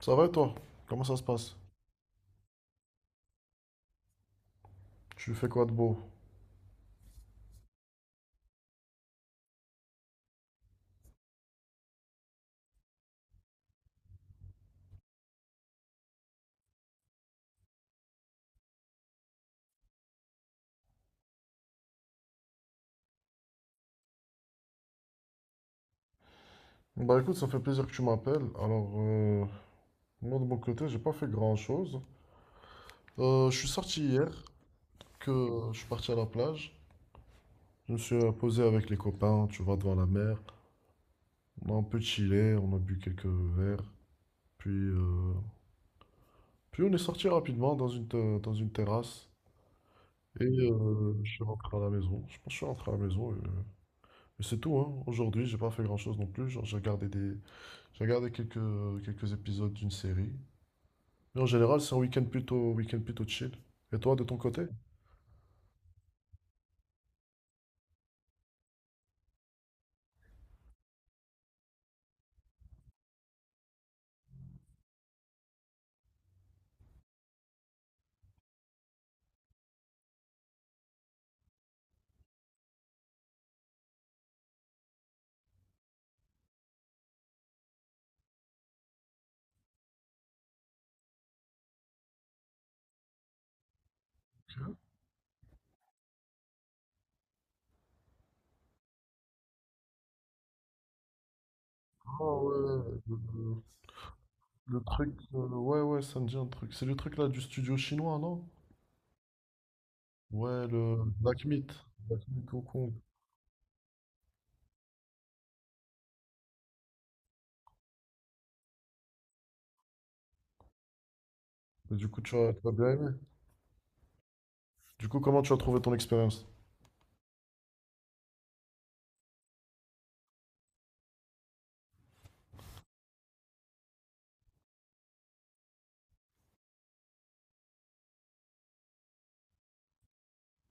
Ça va et toi? Comment ça se passe? Tu fais quoi de beau? Bah écoute, ça fait plaisir que tu m'appelles. Alors, moi de mon côté, j'ai pas fait grand-chose. Je suis sorti hier, que je suis parti à la plage. Je me suis posé avec les copains, tu vois, devant la mer. On a un peu chillé, on a bu quelques verres. Puis, puis on est sorti rapidement dans dans une terrasse. Et je suis rentré à la maison. Je pense que je suis rentré à la maison. Et c'est tout, hein. Aujourd'hui, j'ai pas fait grand-chose non plus. Genre, j'ai regardé quelques, quelques épisodes d'une série. Mais en général, c'est week-end plutôt chill. Et toi, de ton côté? Ah ouais, le, le- le truc, ouais, ouais, ça me dit un truc. C'est le truc là du studio chinois, non? Ouais, le Black Myth. Black Myth Hong Kong. Et du coup, tu as bien aimé. Du coup, comment tu as trouvé ton expérience?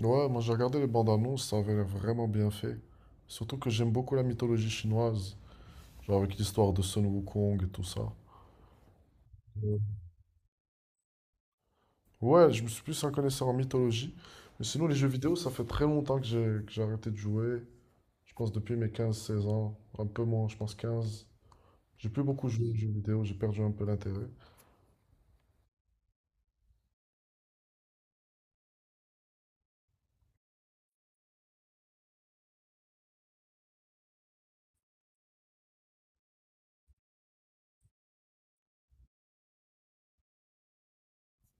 Ouais, moi j'ai regardé les bandes annonces, ça avait l'air vraiment bien fait. Surtout que j'aime beaucoup la mythologie chinoise, genre avec l'histoire de Sun Wukong et tout ça. Ouais, je me suis plus un connaisseur en mythologie. Mais sinon, les jeux vidéo, ça fait très longtemps que j'ai arrêté de jouer. Je pense depuis mes quinze seize ans. Un peu moins, je pense 15. J'ai plus beaucoup joué aux jeux vidéo, j'ai perdu un peu l'intérêt.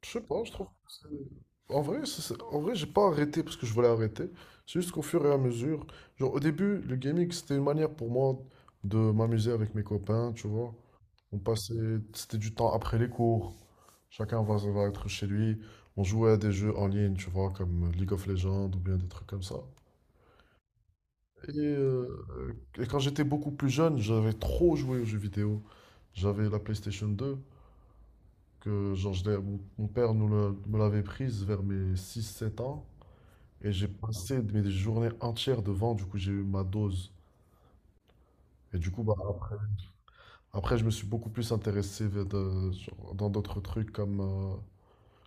Je sais pas, je trouve que en vrai, j'ai pas arrêté parce que je voulais arrêter. C'est juste qu'au fur et à mesure, genre au début, le gaming, c'était une manière pour moi de m'amuser avec mes copains, tu vois. C'était du temps après les cours. Chacun va être chez lui. On jouait à des jeux en ligne, tu vois, comme League of Legends ou bien des trucs comme ça. Et quand j'étais beaucoup plus jeune, j'avais trop joué aux jeux vidéo. J'avais la PlayStation 2, que genre, mon père me l'avait prise vers mes six sept ans. Et j'ai passé mes journées entières devant, du coup j'ai eu ma dose. Et du coup, bah, après, je me suis beaucoup plus intéressé genre, dans d'autres trucs comme euh,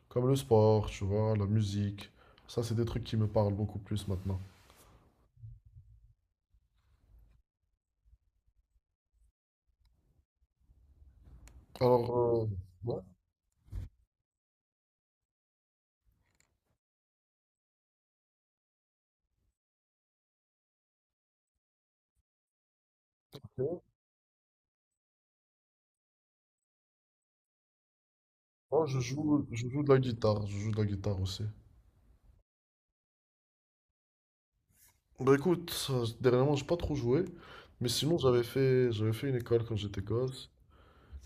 Comme le sport, tu vois, la musique. Ça, c'est des trucs qui me parlent beaucoup plus maintenant. Alors, euh, ouais, ok. Moi, je joue de la guitare. Je joue de la guitare aussi. Bah écoute, dernièrement, j'ai pas trop joué. Mais sinon, j'avais fait une école quand j'étais gosse.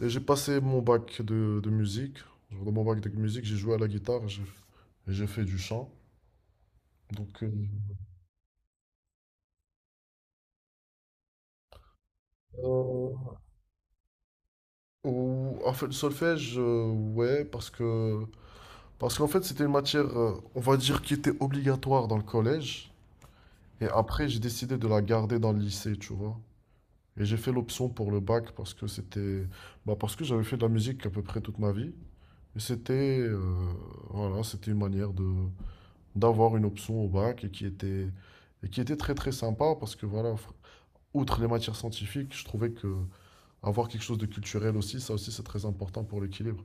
Et j'ai passé mon bac de musique. Genre, dans mon bac de musique, j'ai joué à la guitare et j'ai fait du chant. Donc, euh, euh, le solfège, ouais, parce qu'en fait, c'était une matière, on va dire, qui était obligatoire dans le collège. Et après, j'ai décidé de la garder dans le lycée, tu vois. Et j'ai fait l'option pour le bac parce que c'était, bah, parce que j'avais fait de la musique à peu près toute ma vie. Et c'était, voilà, c'était une manière de d'avoir une option au bac et qui était très très sympa parce que voilà, outre les matières scientifiques, je trouvais que avoir quelque chose de culturel aussi, ça aussi c'est très important pour l'équilibre.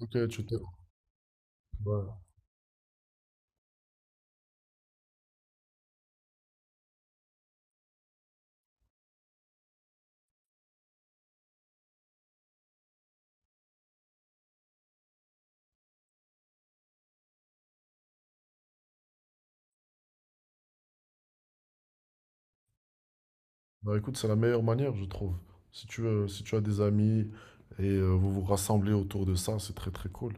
Ok, tu t'es, ouais. Bah écoute, c'est la meilleure manière, je trouve. Si tu veux, si tu as des amis et vous vous rassemblez autour de ça, c'est très très cool.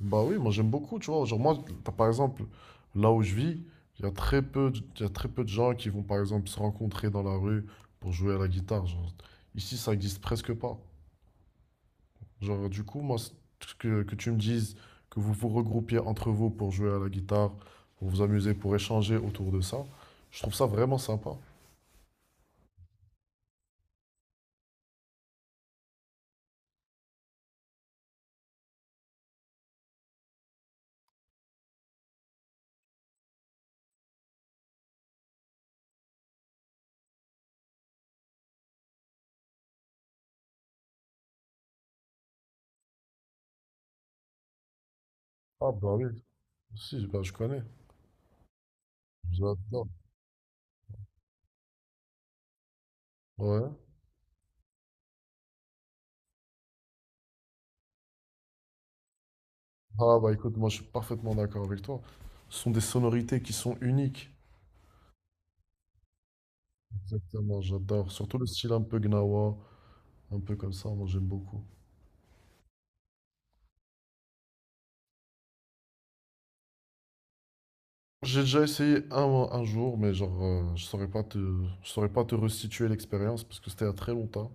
Bah oui, moi j'aime beaucoup, tu vois. Genre moi, par exemple, là où je vis, il y a il y a très peu de gens qui vont par exemple se rencontrer dans la rue pour jouer à la guitare. Genre, ici, ça existe presque pas. Genre du coup, moi, que tu me dises que vous vous regroupiez entre vous pour jouer à la guitare, pour vous amuser, pour échanger autour de ça, je trouve ça vraiment sympa. Ah bah oui, si, bah je connais. J'adore. Ouais. Ah bah écoute, moi je suis parfaitement d'accord avec toi. Ce sont des sonorités qui sont uniques. Exactement, j'adore. Surtout le style un peu gnawa, un peu comme ça, moi j'aime beaucoup. J'ai déjà essayé un jour, mais genre je saurais pas te restituer l'expérience parce que c'était il y a très longtemps.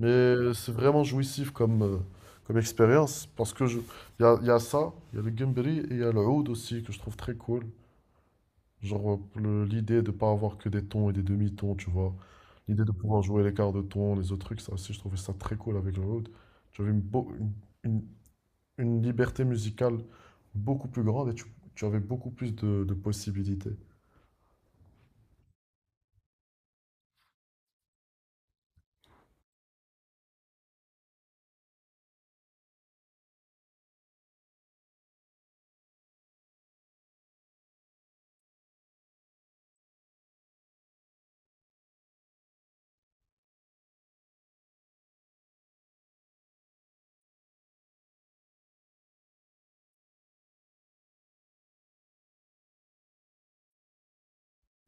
Mais c'est vraiment jouissif comme, comme expérience parce que je, il y a ça, il y a le Gumberry et il y a le oud aussi que je trouve très cool. Genre, l'idée de pas avoir que des tons et des demi-tons, tu vois. L'idée de pouvoir jouer les quarts de ton, les autres trucs, ça aussi, je trouvais ça très cool avec le Rhodes. Tu avais une- une liberté musicale beaucoup plus grande et tu avais beaucoup plus de possibilités.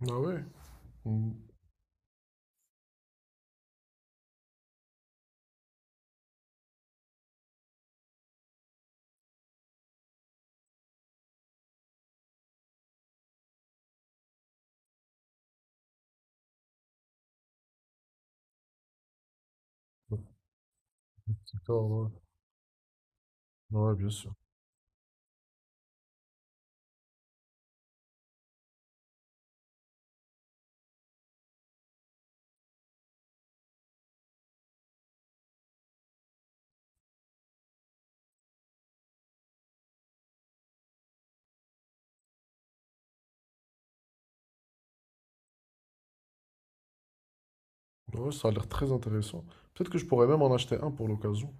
Ah ouais? Mm. Ouais, c'est clair, ouais. Ouais, bien sûr. Ouais, ça a l'air très intéressant. Peut-être que je pourrais même en acheter un pour l'occasion.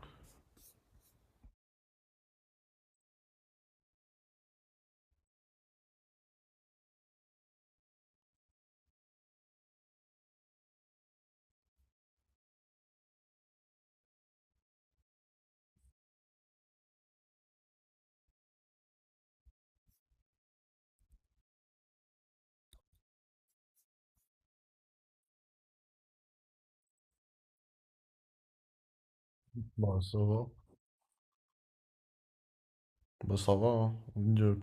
Bah, ça va. Bah, ça va, hein. Euh,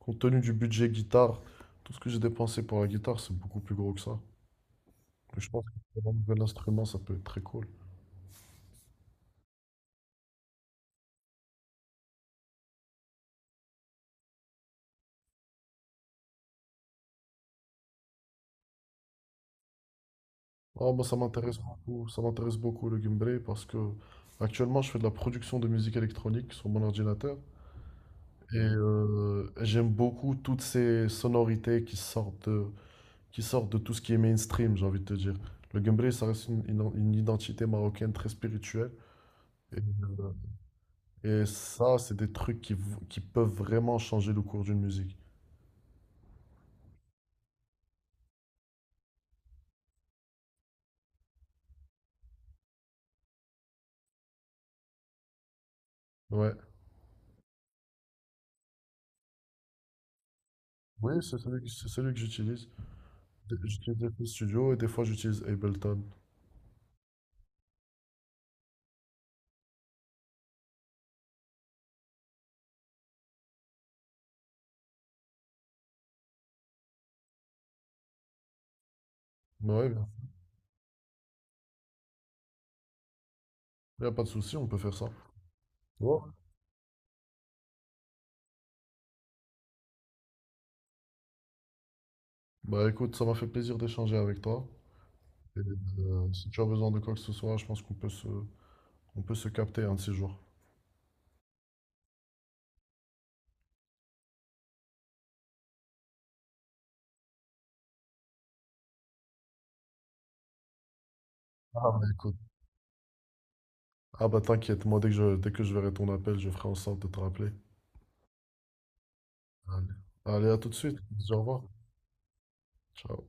Compte tenu du budget guitare, tout ce que j'ai dépensé pour la guitare, c'est beaucoup plus gros que ça. Je pense que pour un nouvel instrument, ça peut être très cool. Ah, moi, ça m'intéresse beaucoup. Ça m'intéresse beaucoup le gameplay parce que actuellement, je fais de la production de musique électronique sur mon ordinateur et j'aime beaucoup toutes ces sonorités qui sortent de tout ce qui est mainstream, j'ai envie de te dire. Le gameplay, ça reste une identité marocaine très spirituelle et, euh, et ça, c'est des trucs qui peuvent vraiment changer le cours d'une musique. Ouais. Oui, c'est celui que j'utilise. J'utilise FL Studio et des fois j'utilise Ableton. Mais ouais, il n'y a pas de souci, on peut faire ça. Bon, bah écoute, ça m'a fait plaisir d'échanger avec toi. Et si tu as besoin de quoi que ce soit, je pense qu'on peut se, on peut se capter un de ces jours. Ah bah écoute. Ah bah t'inquiète, moi dès que je verrai ton appel, je ferai en sorte de te rappeler. Allez, Allez, à tout de suite. Au revoir. Ciao.